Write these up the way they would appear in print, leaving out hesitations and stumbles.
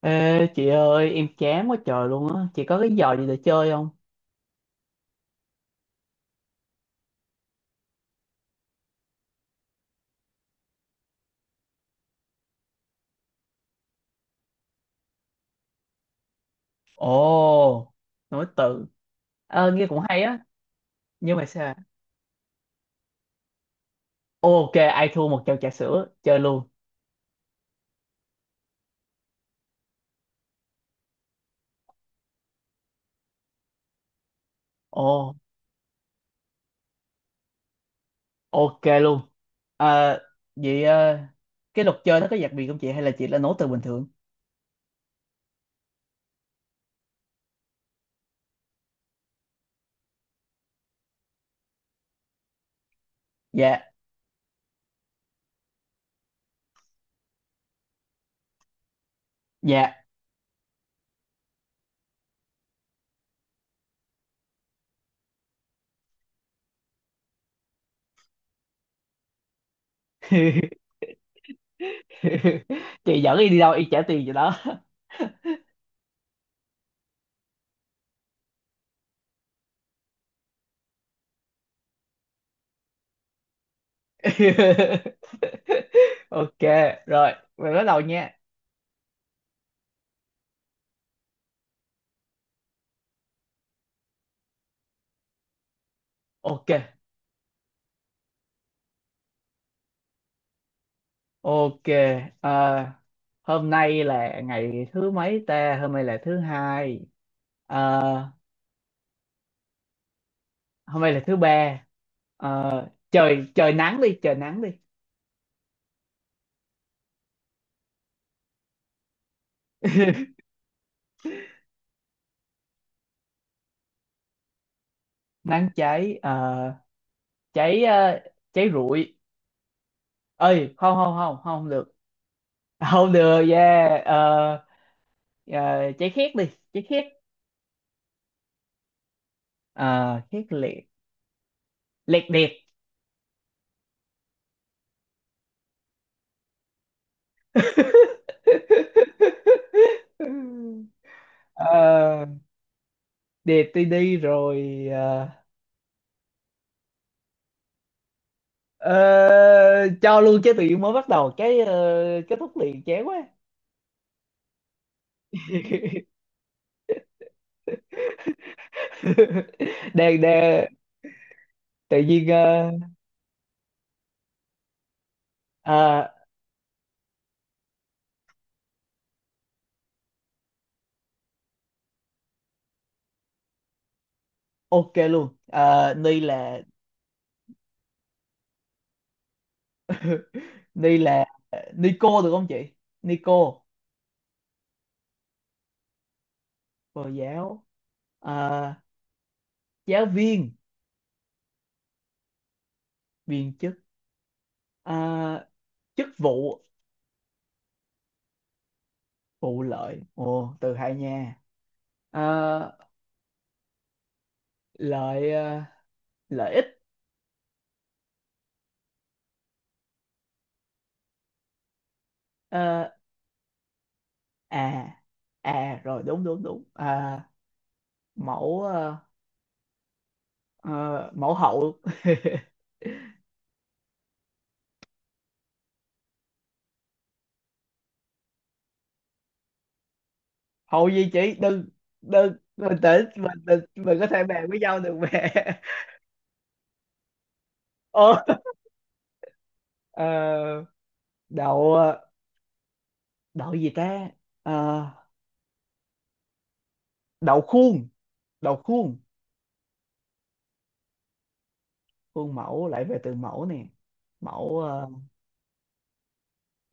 Ê chị ơi, em chán quá trời luôn á. Chị có cái trò gì để chơi không? Ồ, nối tự. Ờ, nghe cũng hay á. Nhưng mà sao? Ok, ai thua một chầu trà sữa. Chơi luôn. Ồ, ok luôn. Ờ. Vậy cái luật chơi nó có đặc biệt không chị? Hay là chị là nối từ bình thường? Dạ. Dạ. Chị dẫn đi, đi đâu y trả tiền cho đó. Ok rồi, mình bắt đầu nha. Ok. Ok, à, hôm nay là ngày thứ mấy ta? Hôm nay là thứ hai, à, hôm nay là thứ ba. À, trời trời nắng đi, nắng cháy, à, cháy, à, cháy rụi. Ơi, không không không không được, không được, yeah, cháy khét đi, cháy khét, à, khét liệt, liệt điệt. Ờ, điệt đi đi rồi, ờ. Ờ, cho luôn chứ tự nhiên mới bắt đầu cái kết thúc liền chán quá. đang đang tự nhiên ờ, à, ok luôn. Ờ, ni là. Ni là Nico được không chị? Nico cô giáo. Ờ, giáo viên. Viên chức. Ờ, chức vụ. Vụ lợi, ồ từ hai nha. Ờ, lợi ờ, lợi ích. Ờ, à à rồi đúng đúng đúng, à, mẫu, à, ờ, mẫu hậu. Hậu gì chị, đừng, đừng, bình tĩnh, mình có thể bàn với nhau được mẹ. Ờ, ờ, đậu, ờ, đậu gì ta? Ờ, đậu khuôn. Đậu khuôn, khuôn mẫu lại về từ mẫu nè. Mẫu ờ,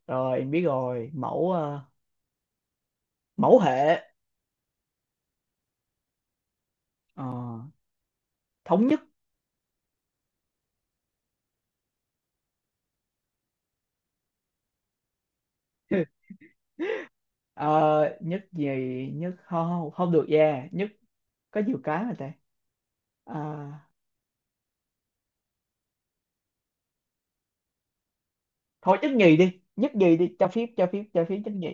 rồi em biết rồi. Mẫu ờ, mẫu hệ. Ờ, thống nhất. Ờ, nhất gì? Nhất không không, không được, yeah. Nhất có nhiều cái mà ta. Ờ, thôi nhất nhì đi, nhất nhì đi, cho phép, cho phép, cho phép nhất nhì.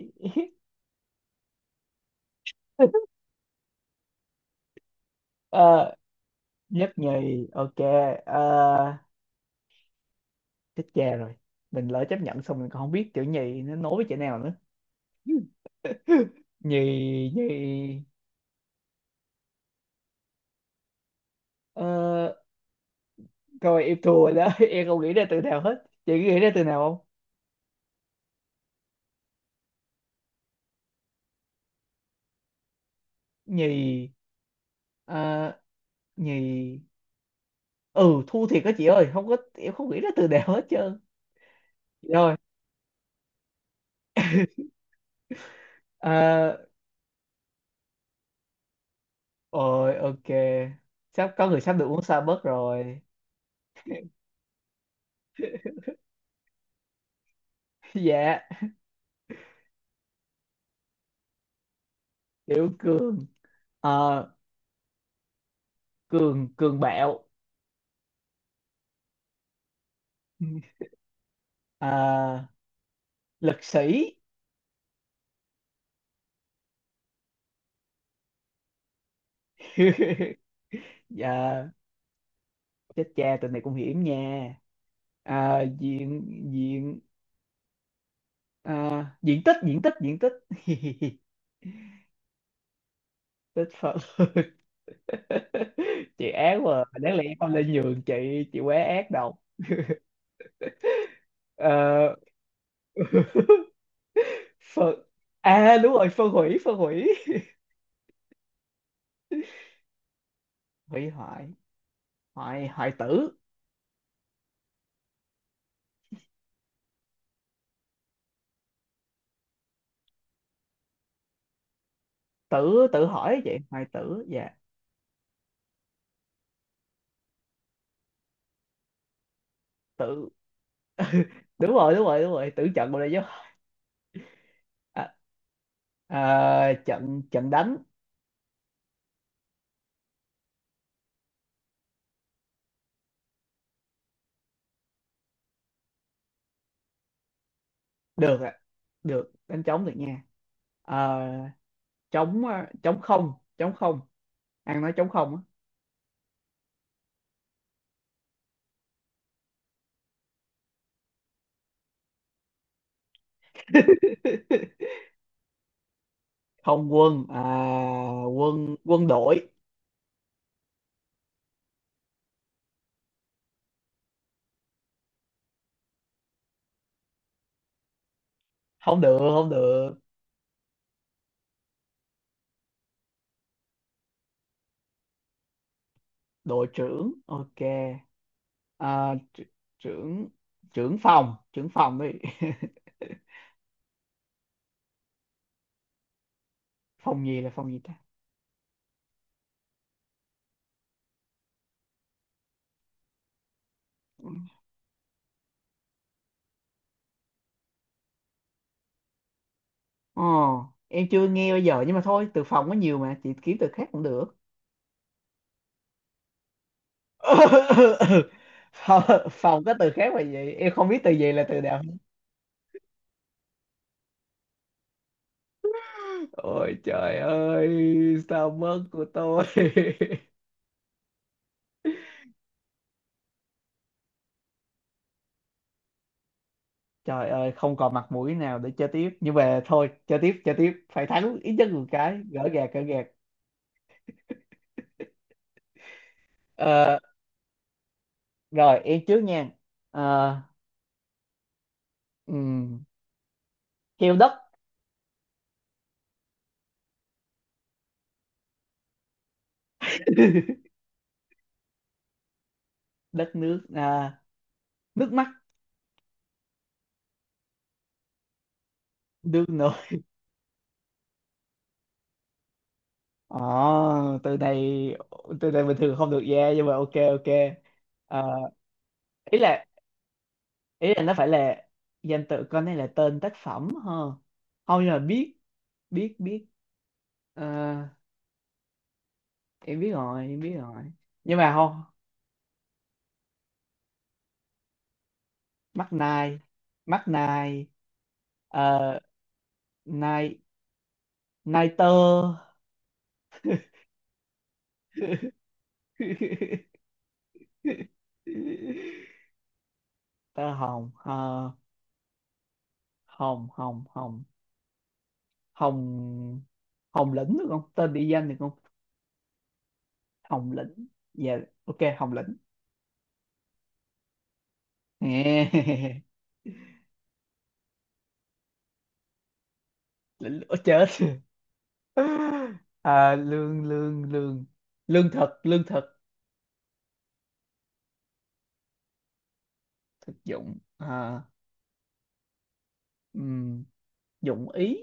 Ờ, nhất nhì ok. Ờ, chết cha rồi, mình lỡ chấp nhận xong mình còn không biết chữ nhì nó nối với chữ nào nữa. Nhì. Nhì. Ờ, rồi em thua rồi đó. Em không nghĩ ra từ nào hết, chị nghĩ ra từ nào không? Nhì. Ờ, nhì. Ừ, thua thiệt đó chị ơi, không có, em không nghĩ ra từ nào hết trơn. Rồi. Ờ, rồi ok, sắp có người sắp được uống Starbucks rồi. Dạ. Kiểu cường. Ờ, cường cường bạo. À, lực sĩ. Dạ. Chết cha, tụi này cũng hiểm nha. À, diện. Diện. À, diện tích. Tích phật. Chị ác quá à. Đáng lẽ con lên nhường chị. Chị quá ác đâu. Ờ. Phân, à đúng rồi, phân hủy. Hủy hoại. Hoại, hoại tử. Tử hỏi vậy, hoại tử, dạ. Tử. Đúng rồi, đúng rồi, đúng rồi, tử trận, bộ này chứ. À, à, trận, trận đánh. Được ạ, được, đánh trống được nha. À, trống, à, trống không, ăn nói trống không á. Không quân. À, quân quân đội. Không được, không được. Đội trưởng ok. À, tr-, trưởng, trưởng phòng đi. Phòng gì, là phòng gì ta? Ờ, em chưa nghe bao giờ, nhưng mà thôi, từ phòng có nhiều mà, chị kiếm từ khác cũng được. Phòng, phòng có từ khác mà gì? Em không biết từ gì, là từ nào. Ôi trời ơi, sao mất của tôi. Trời ơi, không còn mặt mũi nào để chơi tiếp. Nhưng mà thôi, chơi tiếp, chơi tiếp. Phải thắng ít nhất một cái, gỡ gạc, gỡ gạc. Ờ, rồi, em trước nha. Ờ, ừm, heo đất. Đất nước, à, nước mắt, nước nở. Ờ, từ này từ này bình thường không được ra, nhưng mà ok ok. Ờ, ý là ý là nó phải là danh tự, con này là tên tác phẩm ha. Không, nhưng mà biết, biết, biết. Ờ, em biết rồi, em biết rồi, nhưng mà không. Mắt nai. Mắt nai. Ờ, nai, nai tơ. Tơ hồng. Ờ, hồng, hồng, hồng, hồng, hồng lĩnh được không, tên địa danh được không? Hồng Lĩnh, dạ, ok Hồng Lĩnh. Lĩnh lửa chết. À, lương, lương thực, lương thực. Thực dụng. À, ừm, dụng ý.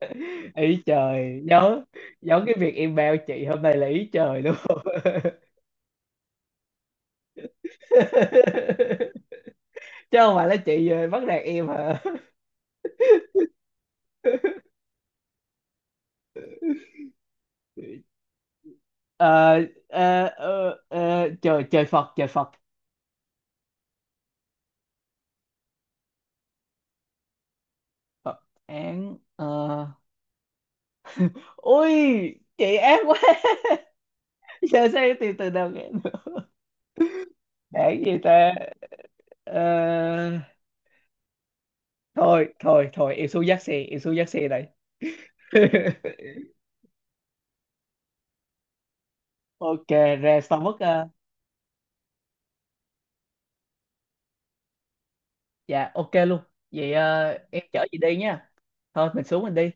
Ý trời giống, giống cái việc email chị hôm nay là ý trời luôn. Chứ không phải là chị bắt nạt em hả. Ờ, trời trời Phật, trời Phật. Phật án, ờ, ui, chị ác quá. Giờ sao em tìm từ đầu nghe được. Đáng gì ta? Ờ, thôi thôi thôi, em xuống dắt xe, em xuống dắt xe đây. Ok. Ra Starbucks ờ, dạ ok luôn. Vậy em chở chị đi nha. Thôi mình xuống mình đi.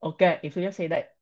Ok, em xuống dắt xe đây.